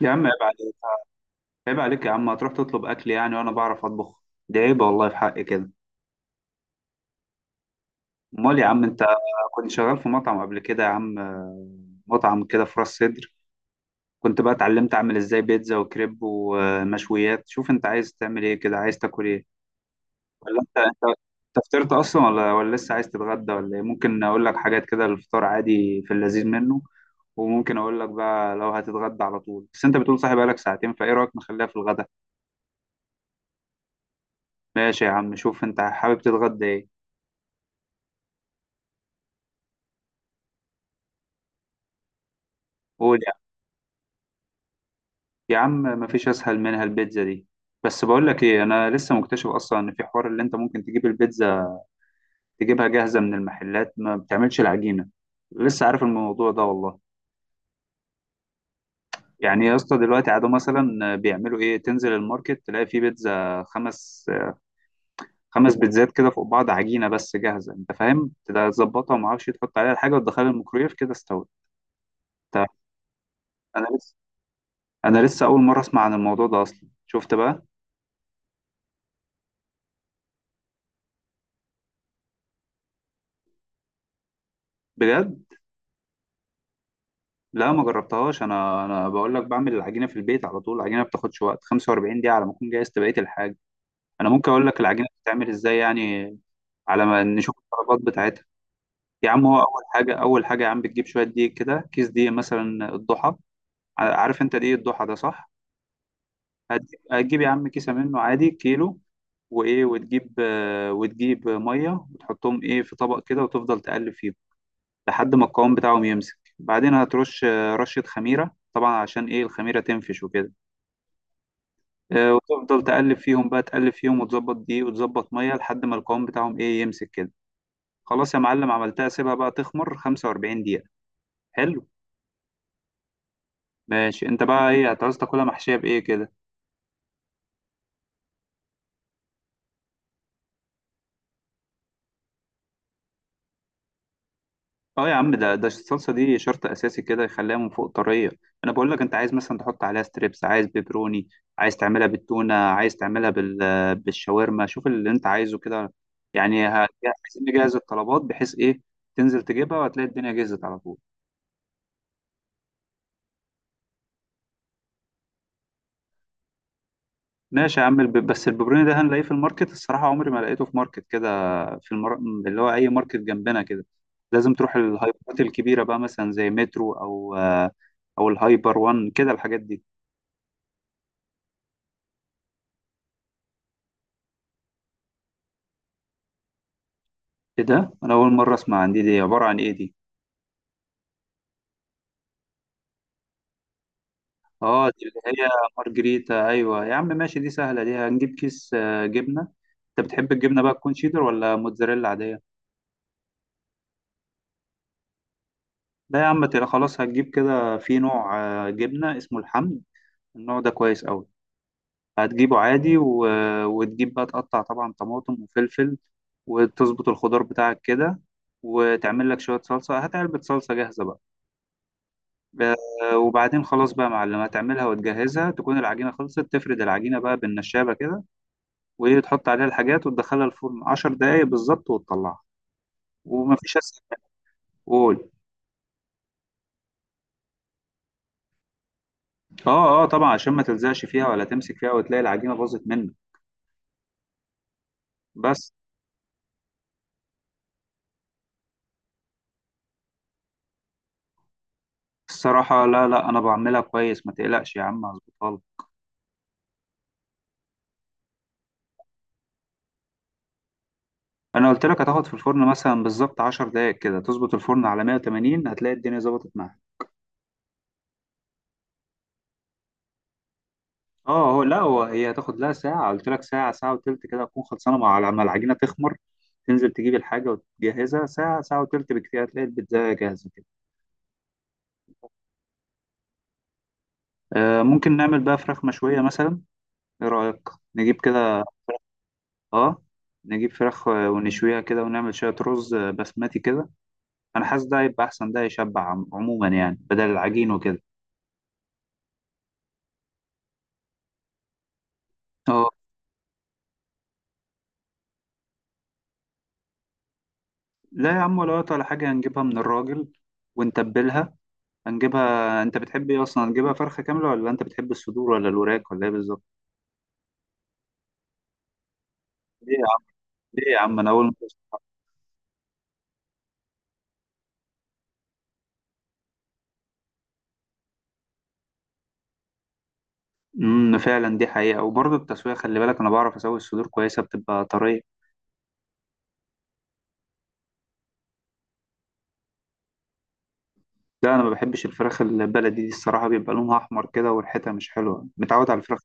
يا عم، عيب عليك. عيب عليك يا عم، هتروح تطلب اكل يعني وانا بعرف اطبخ. دي عيب والله في حقي كده. امال يا عم انت؟ كنت شغال في مطعم قبل كده يا عم. مطعم كده في راس سدر. كنت بقى اتعلمت اعمل ازاي بيتزا وكريب ومشويات. شوف انت عايز تعمل ايه كده، عايز تاكل ايه؟ ولا انت انت أنت فطرت اصلا ولا لسه عايز تتغدى ولا ايه؟ ممكن اقول لك حاجات كده للفطار عادي، في اللذيذ منه. وممكن اقول لك بقى لو هتتغدى على طول، بس انت بتقول صاحي بقالك ساعتين، فايه رايك نخليها في الغدا؟ ماشي يا عم، شوف انت حابب تتغدى ايه؟ قول. يا عم مفيش اسهل منها البيتزا دي. بس بقول لك ايه، انا لسه مكتشف اصلا ان في حوار اللي انت ممكن تجيب البيتزا، تجيبها جاهزه من المحلات ما بتعملش العجينه. لسه عارف الموضوع ده والله. يعني يا اسطى دلوقتي عادوا مثلا بيعملوا ايه؟ تنزل الماركت تلاقي في بيتزا، خمس بيتزات كده فوق بعض، عجينه بس جاهزه، انت فاهم، تبقى تظبطها وما اعرفش تحط عليها الحاجه وتدخلها الميكرويف كده استوت. أنت- انا لسه انا لسه اول مره اسمع عن الموضوع ده اصلا. شفت بقى؟ بجد؟ لا ما جربتهاش. انا بقول لك بعمل العجينه في البيت على طول. العجينه ما بتاخدش وقت 45 دقيقه على ما اكون جهزت بقيه الحاجه. انا ممكن اقول لك العجينه بتتعمل ازاي يعني، على ما نشوف الطلبات بتاعتها. يا عم، هو اول حاجه يا عم بتجيب شويه دقيق كده، كيس دقيق مثلا الضحى. عارف انت دقيق الضحى ده صح؟ هت- هتجيب يا عم كيسه منه عادي كيلو، وايه، وتجيب ميه وتحطهم ايه في طبق كده وتفضل تقلب فيهم لحد ما القوام بتاعهم يمسك. بعدين هترش رشه خميره طبعا، عشان ايه؟ الخميره تنفش وكده. وتفضل تقلب فيهم بقى تقلب فيهم، وتظبط دقيق وتظبط ميه لحد ما القوام بتاعهم ايه، يمسك كده. خلاص يا معلم، عملتها سيبها بقى تخمر 45 دقيقة. حلو. ماشي، انت بقى ايه هتعوز؟ تاكلها محشية بايه كده؟ اه يا عم، ده الصلصة دي شرط اساسي كده، يخليها من فوق طرية. انا بقول لك، انت عايز مثلا تحط عليها ستريبس، عايز بيبروني، عايز تعملها بالتونة، عايز تعملها بالشاورما. شوف اللي انت عايزه كده. يعني عايزين نجهز الطلبات بحيث ايه؟ تنزل تجيبها وهتلاقي الدنيا جهزت على طول. ماشي يا عم، بس الببروني ده هنلاقيه في الماركت؟ الصراحة عمري ما لقيته في ماركت كده، في المر... اللي هو أي ماركت جنبنا كده. لازم تروح الهايبرات الكبيرة بقى، مثلا زي مترو أو الهايبر وان كده الحاجات دي. إيه ده؟ أنا أول مرة أسمع عن دي. دي عبارة عن إيه دي؟ آه، دي اللي هي مارجريتا. أيوة يا عم ماشي، دي سهلة، دي هنجيب كيس جبنة. أنت بتحب الجبنة بقى تكون شيدر ولا موتزاريلا عادية؟ لا يا عم، تلا خلاص هتجيب كده في نوع جبنة اسمه الحمد. النوع ده كويس أوي. هتجيبه عادي وتجيب بقى تقطع طبعا طماطم وفلفل، وتظبط الخضار بتاعك كده. وتعمل لك شوية صلصة، هات علبة صلصة جاهزة بقى. ب- وبعدين خلاص بقى يا معلم، هتعملها وتجهزها تكون العجينة خلصت، تفرد العجينة بقى بالنشابة كده، وتحط عليها الحاجات وتدخلها الفرن 10 دقايق بالظبط وتطلعها. ومفيش أسهل. قول. اه، اه، طبعا عشان ما تلزقش فيها ولا تمسك فيها وتلاقي العجينة باظت منك. بس الصراحة، لا، لا، أنا بعملها كويس، ما تقلقش يا عم هظبطها لك. انا قلت لك هتاخد في الفرن مثلا بالظبط 10 دقائق، كده تظبط الفرن على 180، هتلاقي الدنيا ظبطت معاك. اه، هو لا، هي هتاخد لها ساعه، قلت لك ساعه. ساعه وتلت كده هتكون خلصانه، مع لما العجينه تخمر تنزل تجيب الحاجه وتجهزها، ساعه، ساعه وتلت بكتير هتلاقي البيتزا جاهزه كده. آه، ممكن نعمل بقى فراخ مشويه مثلا. ايه رايك؟ نجيب كده. اه، نجيب فراخ ونشويها كده ونعمل شويه رز بسمتي كده. انا حاسس ده هيبقى احسن، ده يشبع عموما يعني، بدل العجين وكده. اه لا يا عم، ولا وقت ولا حاجة، هنجيبها من الراجل ونتبلها. هنجيبها، أنت بتحب إيه أصلا، هنجيبها فرخة كاملة ولا أنت بتحب الصدور ولا الوراك ولا إيه بالظبط؟ ليه يا عم؟ ليه يا عم؟ أنا أول مرة أسمع. فعلا دي حقيقة، وبرضه التسوية خلي بالك، أنا بعرف أسوي الصدور كويسة بتبقى طرية. لا، أنا ما بحبش الفراخ البلدي دي الصراحة، بيبقى لونها أحمر كده وريحتها مش حلوة، متعود على الفراخ.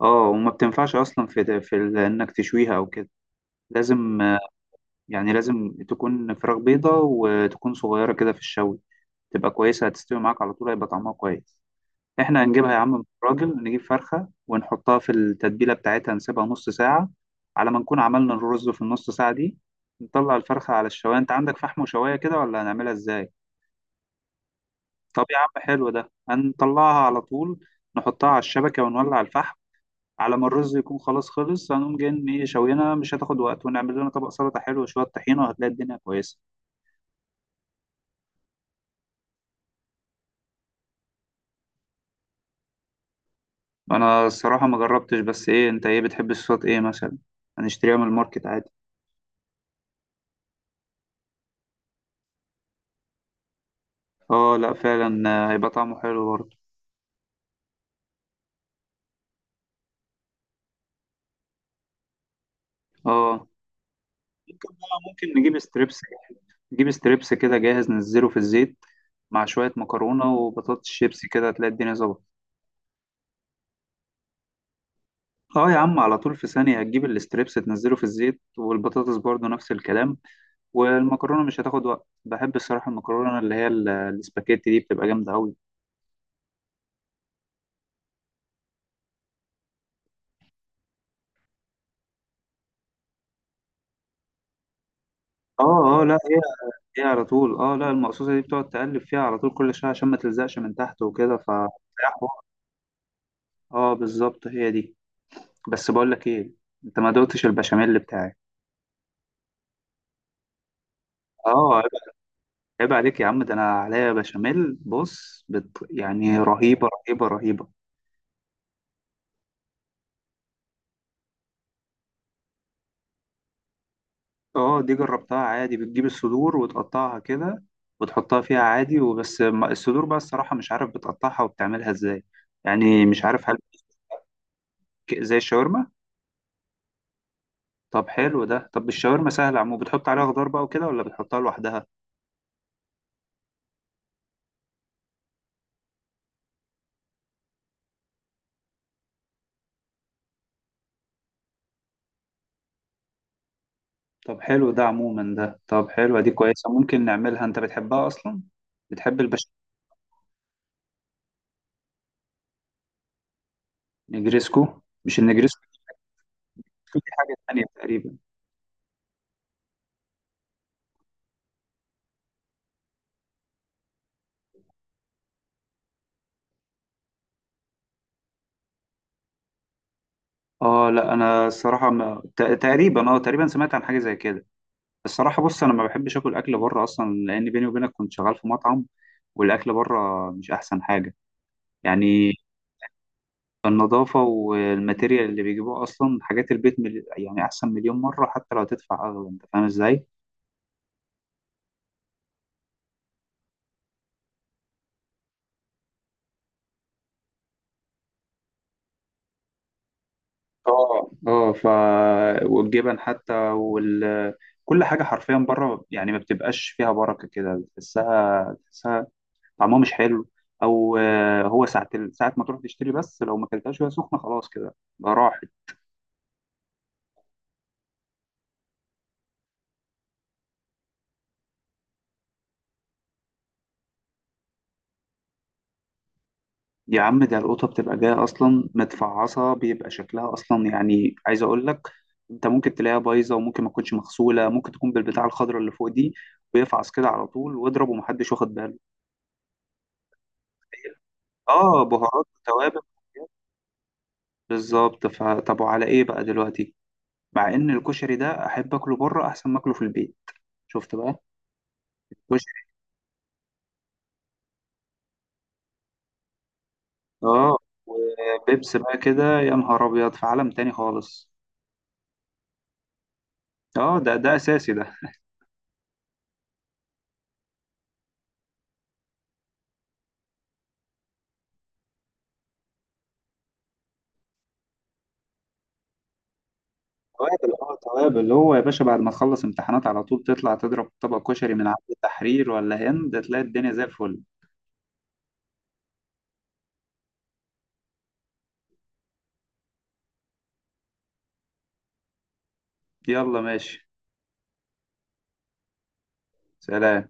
اه، وما بتنفعش اصلا في انك تشويها او كده. لازم. يعني لازم تكون فراخ بيضة وتكون صغيرة كده في الشوي، تبقى كويسة هتستوي معاك على طول هيبقى طعمها كويس. احنا هنجيبها يا عم من الراجل، نجيب فرخة ونحطها في التتبيلة بتاعتها نسيبها نص ساعة، على ما نكون عملنا الرز في النص ساعة دي. نطلع الفرخة على الشواية. انت عندك فحم وشواية كده ولا هنعملها ازاي؟ طب يا عم حلو، ده هنطلعها على طول. نحطها على الشبكة ونولع الفحم، على ما الرز يكون خلاص خلص هنقوم جايين ايه؟ شوينا مش هتاخد وقت، ونعمل لنا طبق سلطة حلو وشوية طحينة وهتلاقي الدنيا كويسة. انا الصراحة ما جربتش، بس ايه، انت ايه بتحب الصوت ايه مثلا؟ هنشتريها من الماركت عادي. اه لا فعلا، هيبقى طعمه حلو برضه. اه، ممكن نجيب ستريبس. نجيب ستريبس كده جاهز ننزله في الزيت، مع شوية مكرونة وبطاطس شيبسي، كده هتلاقي الدنيا ظبطت. اه يا عم، على طول في ثانية هتجيب الستريبس تنزله في الزيت، والبطاطس برضه نفس الكلام. والمكرونة مش هتاخد وقت. بحب الصراحة المكرونة اللي هي الاسباجيتي دي بتبقى جامدة أوي. اه، اه، لا هي على طول. اه لا، المقصوصة دي بتقعد تقلب فيها على طول كل شوية، عشان ما تلزقش من تحت وكده، ف اه بالظبط، هي دي. بس بقول لك ايه، انت ما دقتش البشاميل بتاعي؟ اه عيب. عيب عليك يا عم، ده انا عليا بشاميل، بص يعني رهيبه، رهيبه، رهيبه. اه، دي جربتها عادي، بتجيب الصدور وتقطعها كده وتحطها فيها عادي وبس. الصدور بقى الصراحه مش عارف بتقطعها وبتعملها ازاي. يعني مش عارف هل زي الشاورما. طب حلو ده، طب الشاورما سهله عمو، بتحط عليها خضار بقى وكده ولا بتحطها لوحدها؟ طب حلو ده عموما ده، طب حلوه دي كويسه، ممكن نعملها، انت بتحبها اصلا، بتحب البشاميل؟ نجريسكو؟ مش النجريسكو؟ في حاجة تانية تقريبا. اه لا، انا الصراحة ما... تقريبا سمعت عن حاجة زي كده. الصراحة بص، انا ما بحبش اكل اكل بره اصلا، لان بيني وبينك كنت شغال في مطعم والاكل بره مش احسن حاجة، يعني. النظافة والماتيريال اللي بيجيبوه اصلا، حاجات البيت يعني احسن مليون مرة، حتى لو هتدفع اغلى، انت فاهم ازاي؟ اه، اه، ف والجبن حتى وال كل حاجة حرفيا بره يعني ما بتبقاش فيها بركة كده بتحسها. طعمها مش حلو. او هو ساعه ساعه ما تروح تشتري، بس لو ما اكلتهاش وهي سخنه خلاص كده، ده راحت. يا عم، ده القطه بتبقى جايه اصلا متفعصه، بيبقى شكلها اصلا يعني، عايز اقول لك انت ممكن تلاقيها بايظه، وممكن ما تكونش مغسوله، ممكن تكون بالبتاع الخضراء اللي فوق دي، ويفعص كده على طول واضرب ومحدش واخد باله. اه، بهارات وتوابل. بالظبط، فطب وعلى ايه بقى دلوقتي؟ مع ان الكشري ده، احب اكله بره احسن ما اكله في البيت. شفت بقى. اه، وبيبس بقى كده، يا نهار ابيض، في عالم تاني خالص. اه، ده اساسي ده. توابل، اللي هو يا باشا، بعد ما تخلص امتحانات على طول تطلع تضرب طبق كشري من عند التحرير ولا هند، تلاقي الدنيا زي الفل. يلا ماشي. سلام.